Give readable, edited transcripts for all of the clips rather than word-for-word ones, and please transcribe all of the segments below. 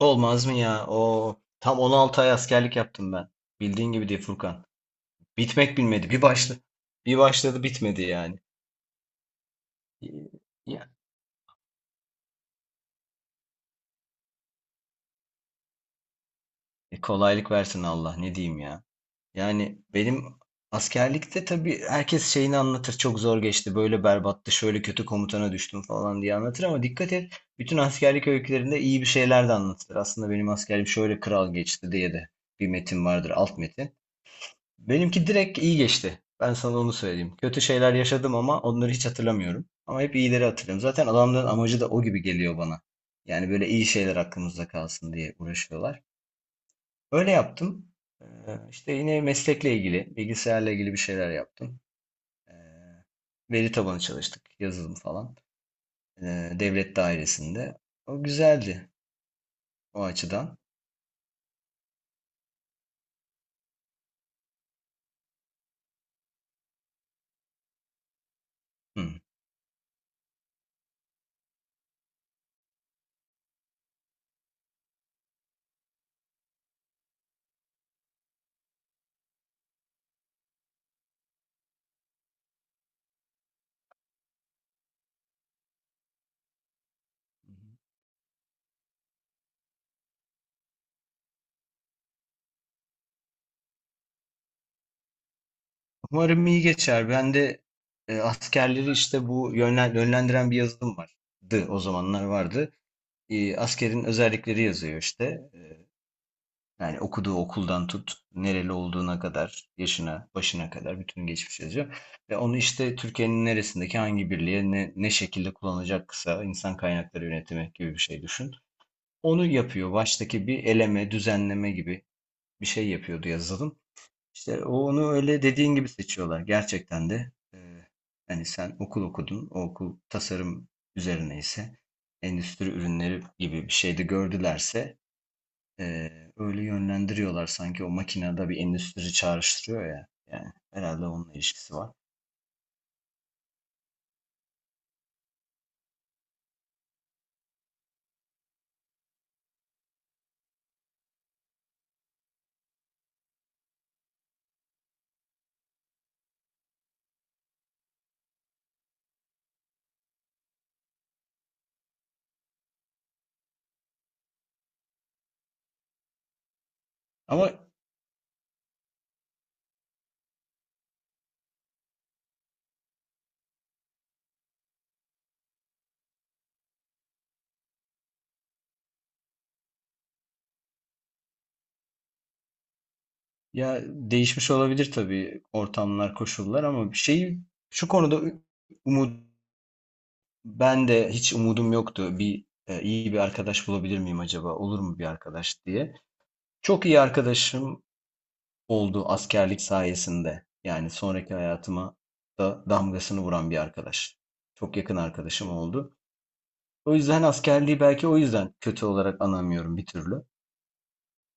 Olmaz mı ya? O tam 16 ay askerlik yaptım ben. Bildiğin gibi değil Furkan. Bitmek bilmedi. Bir başladı bitmedi yani. Ya, kolaylık versin Allah ne diyeyim ya. Yani benim askerlikte tabii herkes şeyini anlatır. Çok zor geçti. Böyle berbattı. Şöyle kötü komutana düştüm falan diye anlatır ama dikkat et. Bütün askerlik öykülerinde iyi bir şeyler de anlatılır. Aslında benim askerliğim şöyle kral geçti diye de bir metin vardır. Alt metin. Benimki direkt iyi geçti. Ben sana onu söyleyeyim. Kötü şeyler yaşadım ama onları hiç hatırlamıyorum. Ama hep iyileri hatırlıyorum. Zaten adamların amacı da o gibi geliyor bana. Yani böyle iyi şeyler aklımızda kalsın diye uğraşıyorlar. Öyle yaptım. Ee, işte yine meslekle ilgili, bilgisayarla ilgili bir şeyler yaptım. Ee, veri tabanı çalıştık, yazılım falan. Devlet dairesinde. O güzeldi o açıdan. Hı. Umarım iyi geçer. Ben de askerleri işte bu yönlendiren bir yazılım vardı. O zamanlar vardı. Askerin özellikleri yazıyor işte. E, yani okuduğu okuldan tut, nereli olduğuna kadar, yaşına, başına kadar bütün geçmiş yazıyor. Ve onu işte Türkiye'nin neresindeki hangi birliğe ne şekilde kullanacaksa insan kaynakları yönetimi gibi bir şey düşün. Onu yapıyor. Baştaki bir eleme, düzenleme gibi bir şey yapıyordu yazılım. İşte onu öyle dediğin gibi seçiyorlar gerçekten de. Hani sen okul okudun, o okul tasarım üzerine ise endüstri ürünleri gibi bir şeyde gördülerse öyle yönlendiriyorlar sanki o makinede bir endüstri çağrıştırıyor ya. Yani herhalde onunla ilişkisi var. Ama ya değişmiş olabilir tabii ortamlar, koşullar ama bir şey şu konuda umut ben de hiç umudum yoktu. Bir iyi bir arkadaş bulabilir miyim acaba? Olur mu bir arkadaş diye. Çok iyi arkadaşım oldu askerlik sayesinde. Yani sonraki hayatıma da damgasını vuran bir arkadaş. Çok yakın arkadaşım oldu. O yüzden askerliği belki o yüzden kötü olarak anamıyorum bir türlü.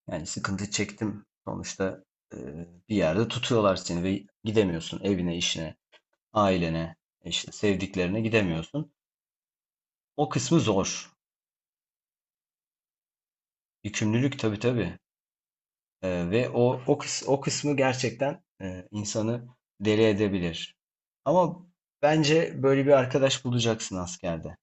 Yani sıkıntı çektim. Sonuçta e, bir yerde tutuyorlar seni ve gidemiyorsun evine, işine, ailene, işte sevdiklerine gidemiyorsun. O kısmı zor. Yükümlülük tabii tabii. Ve o kısmı gerçekten, insanı deli edebilir. Ama bence böyle bir arkadaş bulacaksın askerde.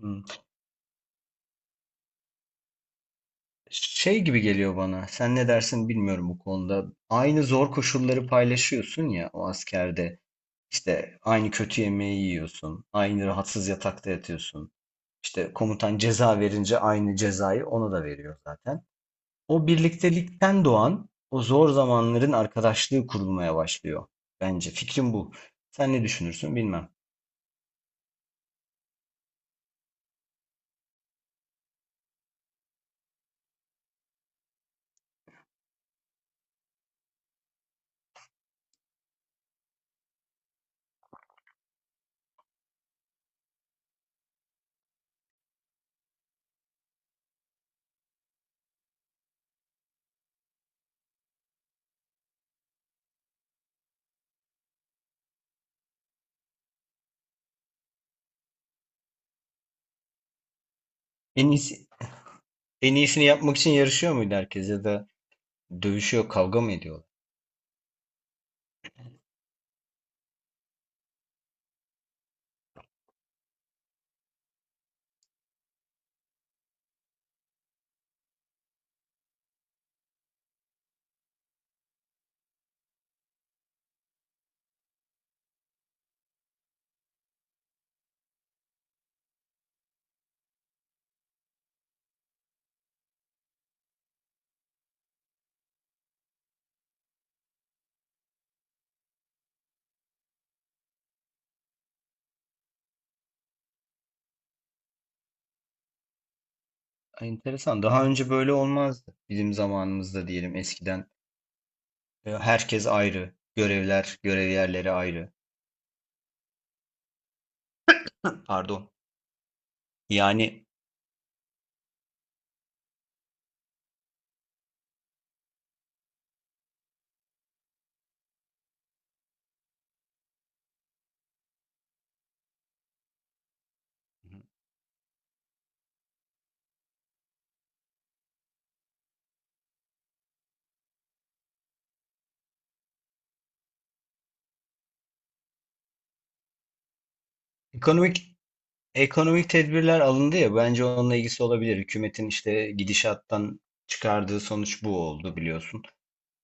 Hımm. Şey gibi geliyor bana, sen ne dersin bilmiyorum bu konuda. Aynı zor koşulları paylaşıyorsun ya o askerde. İşte aynı kötü yemeği yiyorsun, aynı rahatsız yatakta yatıyorsun. İşte komutan ceza verince aynı cezayı ona da veriyor zaten. O birliktelikten doğan, o zor zamanların arkadaşlığı kurulmaya başlıyor. Bence fikrim bu. Sen ne düşünürsün bilmem. En iyisi, en iyisini yapmak için yarışıyor muydu herkes ya da dövüşüyor, kavga mı ediyorlar? Ay, enteresan. Daha önce böyle olmazdı. Bizim zamanımızda diyelim eskiden herkes ayrı, görevler, görev yerleri ayrı. Pardon. Yani ekonomik ekonomik tedbirler alındı ya bence onunla ilgisi olabilir. Hükümetin işte gidişattan çıkardığı sonuç bu oldu biliyorsun.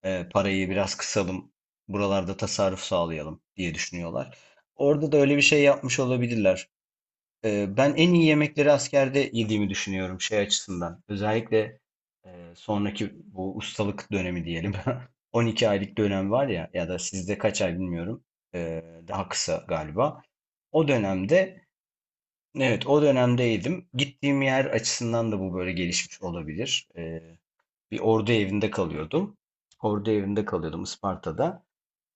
Parayı biraz kısalım, buralarda tasarruf sağlayalım diye düşünüyorlar. Orada da öyle bir şey yapmış olabilirler. Ben en iyi yemekleri askerde yediğimi düşünüyorum şey açısından. Özellikle sonraki bu ustalık dönemi diyelim. 12 aylık dönem var ya ya da sizde kaç ay bilmiyorum. E, daha kısa galiba. O dönemde evet o dönemdeydim. Gittiğim yer açısından da bu böyle gelişmiş olabilir. Bir ordu evinde kalıyordum. Ordu evinde kalıyordum Isparta'da.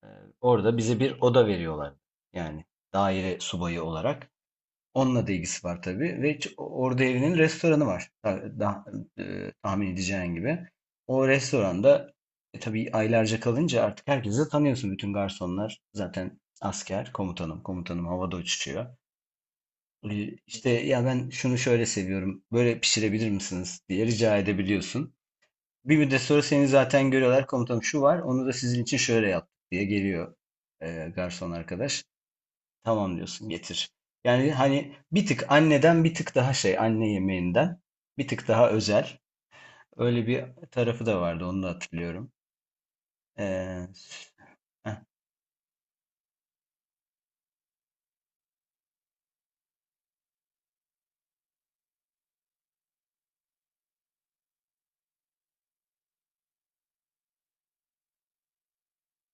Ee, Orada bize bir oda veriyorlar. Yani daire subayı olarak. Onunla da ilgisi var tabii. Ve orada evinin restoranı var. Tahmin edeceğin gibi. O restoranda tabii aylarca kalınca artık herkesi de tanıyorsun. Bütün garsonlar zaten asker, komutanım. Komutanım havada uçuşuyor. İşte ya ben şunu şöyle seviyorum. Böyle pişirebilir misiniz diye rica edebiliyorsun. Bir müddet sonra seni zaten görüyorlar komutanım şu var onu da sizin için şöyle yaptık diye geliyor garson arkadaş. Tamam diyorsun getir. Yani hani bir tık anneden bir tık daha anne yemeğinden bir tık daha özel. Öyle bir tarafı da vardı onu da hatırlıyorum. E, heh,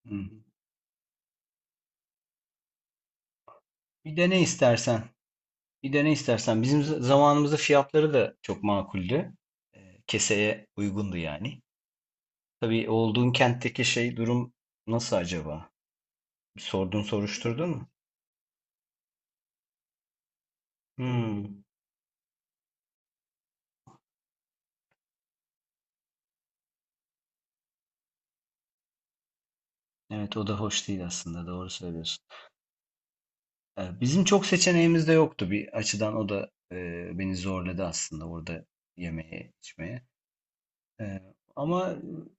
hı. bir de ne istersen bir de ne istersen bizim zamanımızda fiyatları da çok makuldü. Keseye uygundu yani. Tabii olduğun kentteki şey durum nasıl acaba? Bir sordun soruşturdun mu? Hmm. Evet o da hoş değil aslında doğru söylüyorsun. Bizim çok seçeneğimiz de yoktu bir açıdan o da beni zorladı aslında orada yemeğe içmeye. Ee, Ama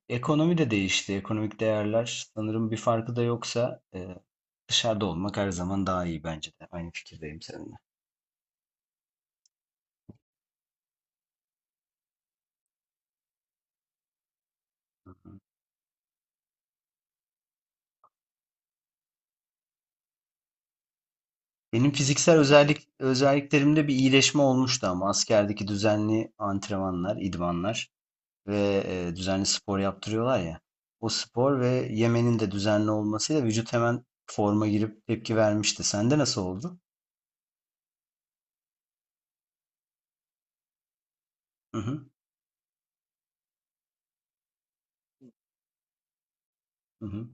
ekonomi de değişti. Ekonomik değerler sanırım bir farkı da yoksa dışarıda olmak her zaman daha iyi bence de. Aynı fikirdeyim seninle. Benim fiziksel özelliklerimde bir iyileşme olmuştu ama askerdeki düzenli antrenmanlar, idmanlar ve, düzenli spor yaptırıyorlar ya. O spor ve yemenin de düzenli olmasıyla vücut hemen forma girip tepki vermişti. Sende nasıl oldu? Hı hı, hı hı.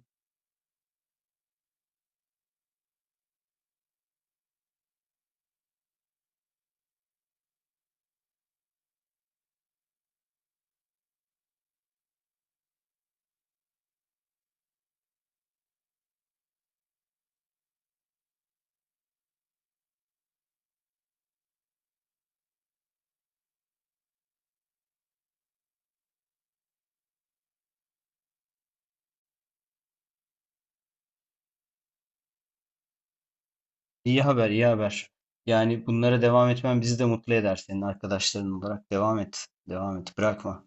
İyi haber, iyi haber. Yani bunlara devam etmen bizi de mutlu eder senin arkadaşların olarak. Devam et, devam et, bırakma.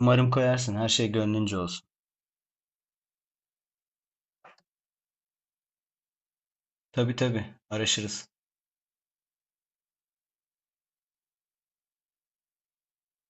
Umarım koyarsın, her şey gönlünce olsun. Tabii tabii, araşırız.